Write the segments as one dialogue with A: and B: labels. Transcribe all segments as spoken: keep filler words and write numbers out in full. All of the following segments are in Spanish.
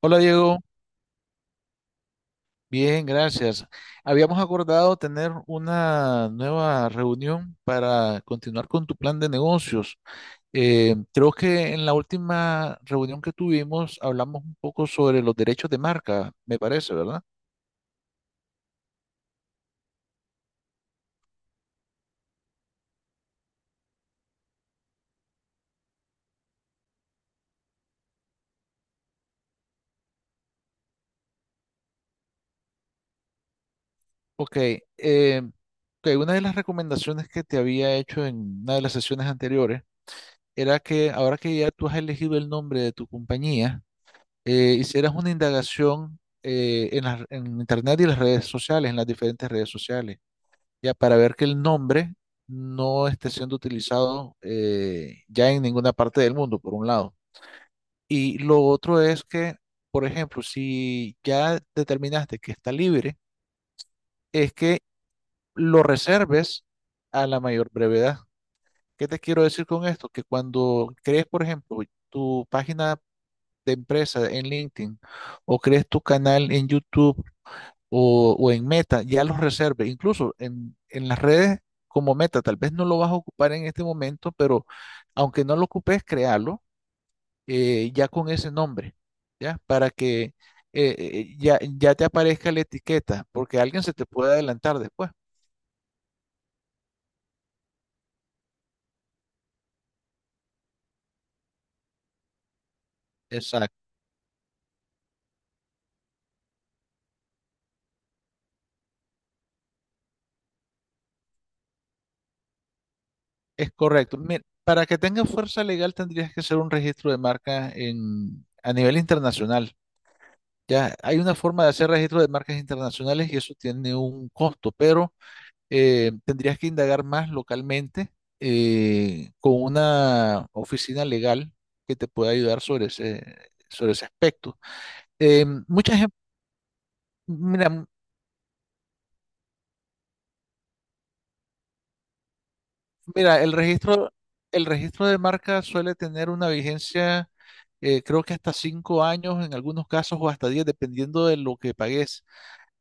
A: Hola Diego, bien, gracias. Habíamos acordado tener una nueva reunión para continuar con tu plan de negocios. Eh, creo que en la última reunión que tuvimos hablamos un poco sobre los derechos de marca, me parece, ¿verdad? Ok, eh, ok, una de las recomendaciones que te había hecho en una de las sesiones anteriores era que ahora que ya tú has elegido el nombre de tu compañía, eh, hicieras una indagación eh, en las- en internet y las redes sociales, en las diferentes redes sociales, ya para ver que el nombre no esté siendo utilizado eh, ya en ninguna parte del mundo, por un lado. Y lo otro es que, por ejemplo, si ya determinaste que está libre, es que lo reserves a la mayor brevedad. ¿Qué te quiero decir con esto? Que cuando crees, por ejemplo, tu página de empresa en LinkedIn, o crees tu canal en YouTube o, o en Meta, ya los reserve. Incluso en, en las redes como Meta, tal vez no lo vas a ocupar en este momento, pero aunque no lo ocupes, créalo eh, ya con ese nombre, ¿ya? Para que eh, eh, ya, ya te aparezca la etiqueta, porque alguien se te puede adelantar después. Exacto, es correcto. Mira, para que tenga fuerza legal tendrías que hacer un registro de marca en, a nivel internacional. Ya hay una forma de hacer registro de marcas internacionales y eso tiene un costo, pero eh, tendrías que indagar más localmente eh, con una oficina legal que te pueda ayudar sobre ese, sobre ese aspecto. Eh, mucha gente, mira, m- mira, el registro, el registro de marca suele tener una vigencia, eh, creo que hasta cinco años en algunos casos o hasta diez, dependiendo de lo que pagues.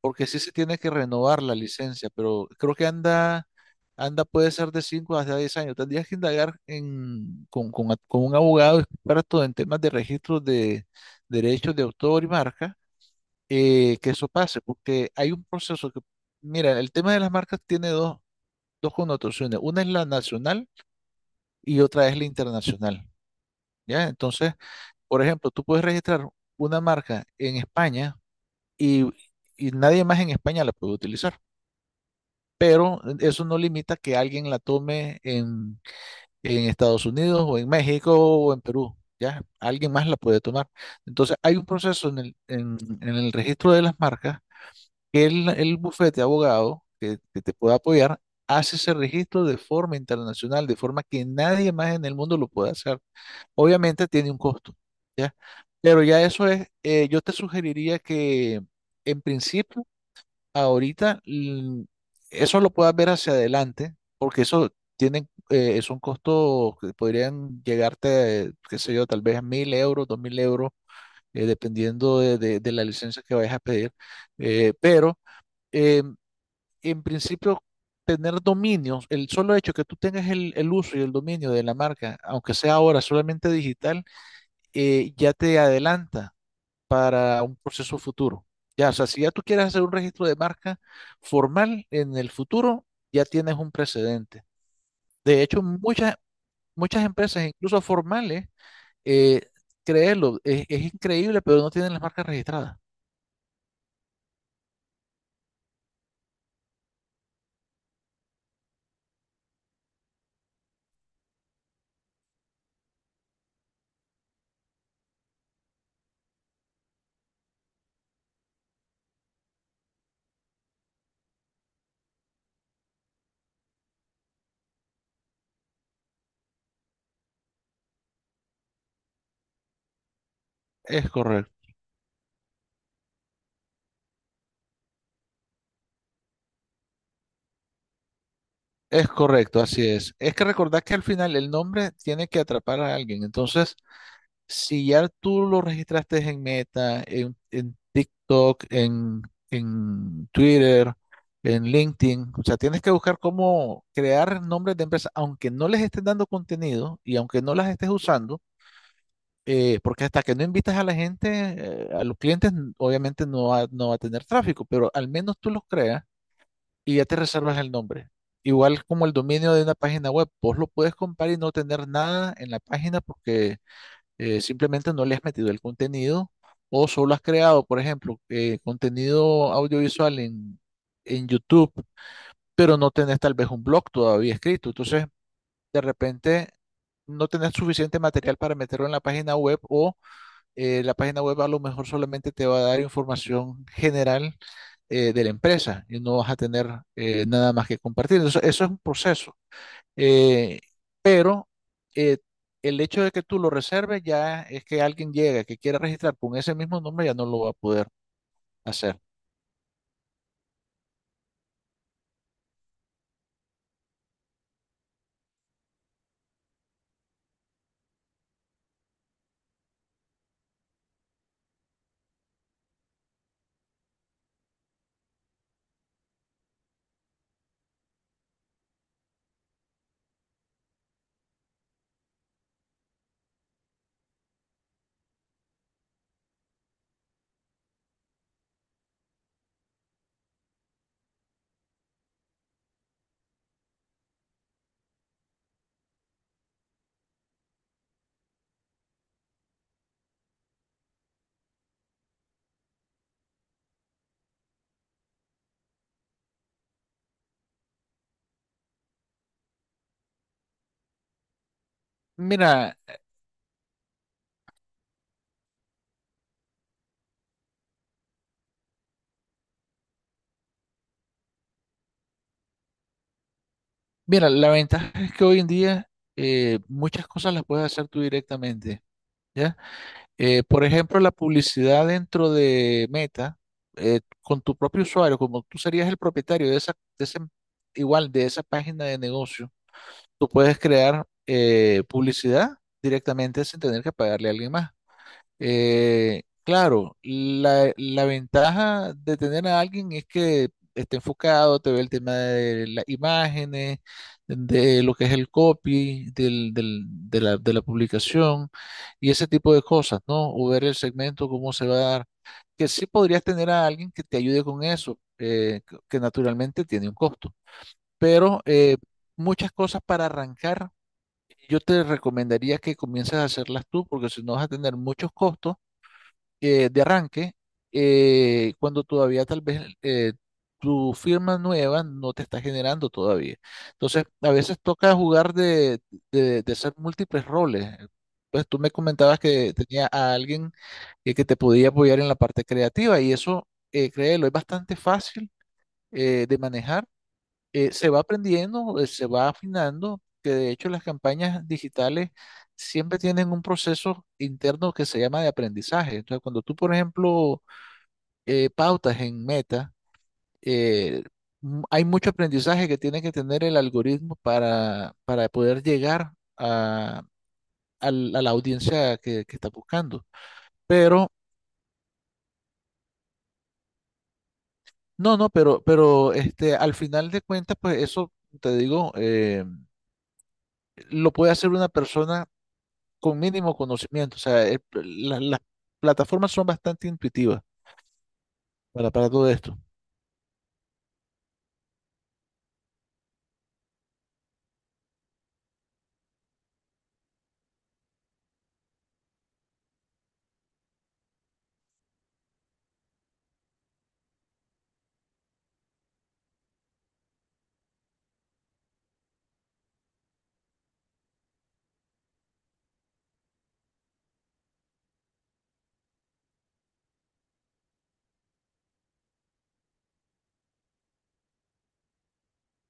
A: Porque sí se tiene que renovar la licencia, pero creo que anda anda puede ser de cinco hasta diez años. Tendrías que indagar en, con, con a- con un abogado experto en temas de registros de derechos de autor y marca, eh, que eso pase, porque hay un proceso que, mira, el tema de las marcas tiene dos dos connotaciones. Una es la nacional y otra es la internacional, ¿ya? Entonces, por ejemplo, tú puedes registrar una marca en España y, y nadie más en España la puede utilizar. Pero eso no limita que alguien la tome en, en Estados Unidos o en México o en Perú, ¿ya? Alguien más la puede tomar. Entonces, hay un proceso en el, en, en el registro de las marcas que el, el bufete de abogado que, que te pueda apoyar hace ese registro de forma internacional, de forma que nadie más en el mundo lo pueda hacer. Obviamente tiene un costo, ¿ya? Pero ya eso es, eh, yo te sugeriría que en principio ahorita mm, eso lo puedas ver hacia adelante, porque eso tienen, eh, son costos que podrían llegarte, qué sé yo, tal vez a mil euros, dos mil euros, eh, dependiendo de, de- de la licencia que vayas a pedir. Eh, pero eh, en principio, tener dominios, el solo hecho que tú tengas el, el uso y el dominio de la marca, aunque sea ahora solamente digital, eh, ya te adelanta para un proceso futuro. Ya, o sea, si ya tú quieres hacer un registro de marca formal en el futuro, ya tienes un precedente. De hecho, muchas, muchas empresas, incluso formales, eh, créelo, es, es increíble, pero no tienen las marcas registradas. Es correcto, es correcto, así es. Es que recordar que al final el nombre tiene que atrapar a alguien. Entonces, si ya tú lo registraste en Meta, en, en TikTok, en, en Twitter, en LinkedIn, o sea, tienes que buscar cómo crear nombres de empresas, aunque no les estés dando contenido y aunque no las estés usando, eh, porque hasta que no invitas a la gente, eh, a los clientes, n- obviamente no va no va a tener tráfico, pero al menos tú los creas y ya te reservas el nombre. Igual como el dominio de una página web, vos lo puedes comprar y no tener nada en la página porque eh, simplemente no le has metido el contenido o solo has creado, por ejemplo, eh, contenido audiovisual en, en YouTube, pero no tenés tal vez un blog todavía escrito. Entonces, de repente, no tenés suficiente material para meterlo en la página web o eh, la página web a lo mejor solamente te va a dar información general eh, de la empresa y no vas a tener eh, nada más que compartir. Entonces, eso es un proceso. Eh, pero eh, el hecho de que tú lo reserves ya es que alguien llegue que quiera registrar con ese mismo nombre ya no lo va a poder hacer. Mira, mira, la ventaja es que hoy en día eh, muchas cosas las puedes hacer tú directamente, ¿ya? Eh, por ejemplo, la publicidad dentro de Meta, eh, con tu propio usuario, como tú serías el propietario de esa, de ese- igual de esa página de negocio, tú puedes crear eh, publicidad directamente sin tener que pagarle a alguien más. Eh, claro, la, la ventaja de tener a alguien es que esté enfocado, te ve el tema de las imágenes, de lo que es el copy, del, del- de la, de la publicación y ese tipo de cosas, ¿no? O ver el segmento, cómo se va a dar. Que sí podrías tener a alguien que te ayude con eso, eh, que que naturalmente tiene un costo. Pero eh, muchas cosas para arrancar, yo te recomendaría que comiences a hacerlas tú, porque si no vas a tener muchos costos eh, de arranque, eh, cuando todavía tal vez eh, tu firma nueva no te está generando todavía. Entonces, a veces toca jugar de, de, de ser múltiples roles. Pues tú me comentabas que tenía a alguien eh, que te podía apoyar en la parte creativa y eso, eh, créelo, es bastante fácil eh, de manejar eh, se va aprendiendo, eh, se va afinando, que de hecho las campañas digitales siempre tienen un proceso interno que se llama de aprendizaje. Entonces, cuando tú, por ejemplo, eh, pautas en Meta, eh, m- hay mucho aprendizaje que tiene que tener el algoritmo para, para poder llegar a, al- a la audiencia que, que está buscando. Pero, no, no, pero, pero este, al final de cuentas, pues eso, te digo, eh, lo puede hacer una persona con mínimo conocimiento. O sea, el- la- las plataformas son bastante intuitivas para para todo esto.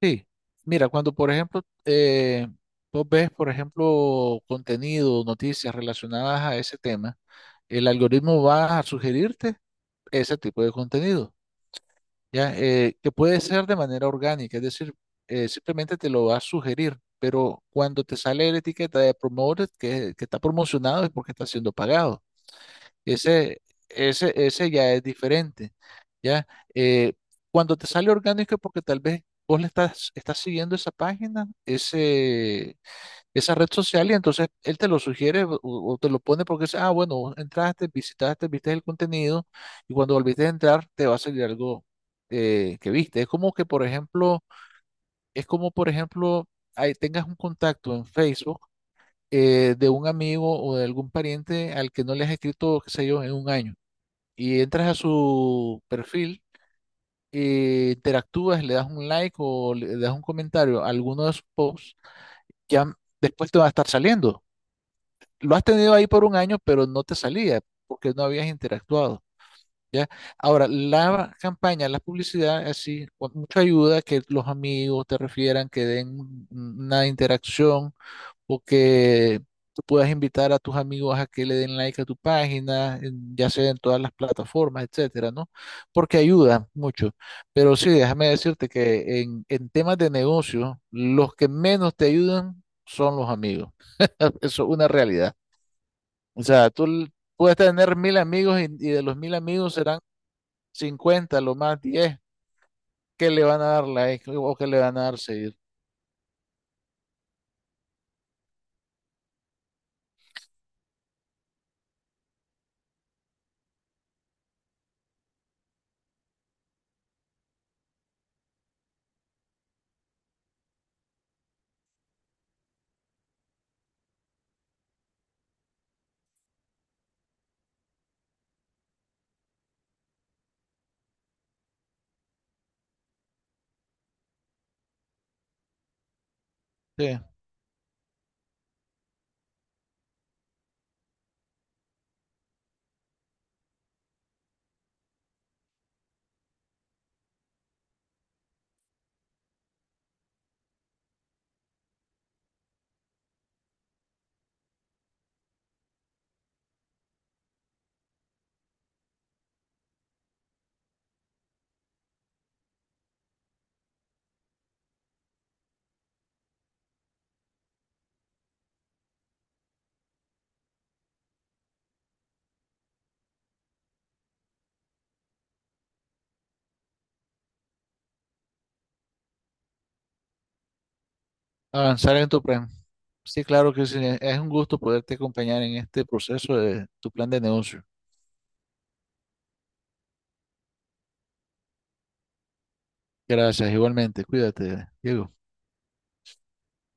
A: Sí, mira, cuando por ejemplo eh, vos ves, por ejemplo, contenido, noticias relacionadas a ese tema, el algoritmo va a sugerirte ese tipo de contenido, ¿ya? Eh, que puede ser de manera orgánica, es decir, eh, simplemente te lo va a sugerir, pero cuando te sale la etiqueta de promoted, que, que está promocionado, es porque está siendo pagado. Ese, ese, ese ya es diferente, ¿ya? Eh, Cuando te sale orgánico es porque tal vez vos le estás, estás siguiendo esa página, ese, esa red social y entonces él te lo sugiere o, o te lo pone porque dice, ah, bueno, vos entraste, visitaste, viste el contenido y cuando volviste a entrar te va a salir algo eh, que viste. Es como que, por ejemplo, es como, por ejemplo, ahí tengas un contacto en Facebook eh, de un amigo o de algún pariente al que no le has escrito, qué sé yo, en un año y entras a su perfil, eh, interactúas, le das un like o le das un comentario a alguno de sus posts, ya después te va a estar saliendo. Lo has tenido ahí por un año, pero no te salía porque no habías interactuado. ¿Ya? Ahora, la campaña, la publicidad, así, con mucha ayuda, que los amigos te refieran, que den una interacción o que tú puedas invitar a tus amigos a que le den like a tu página, en- ya sea en todas las plataformas, etcétera, ¿no? Porque ayuda mucho. Pero sí, déjame decirte que en, en temas de negocio, los que menos te ayudan son los amigos. Eso es una realidad. O sea, tú l- puedes tener mil amigos y, y de los mil amigos serán cincuenta lo más diez que le van a dar like o que le van a dar seguir. Sí. Avanzar en tu plan. Sí, claro que sí. Es un gusto poderte acompañar en este proceso de tu plan de negocio. Gracias, igualmente. Cuídate, Diego.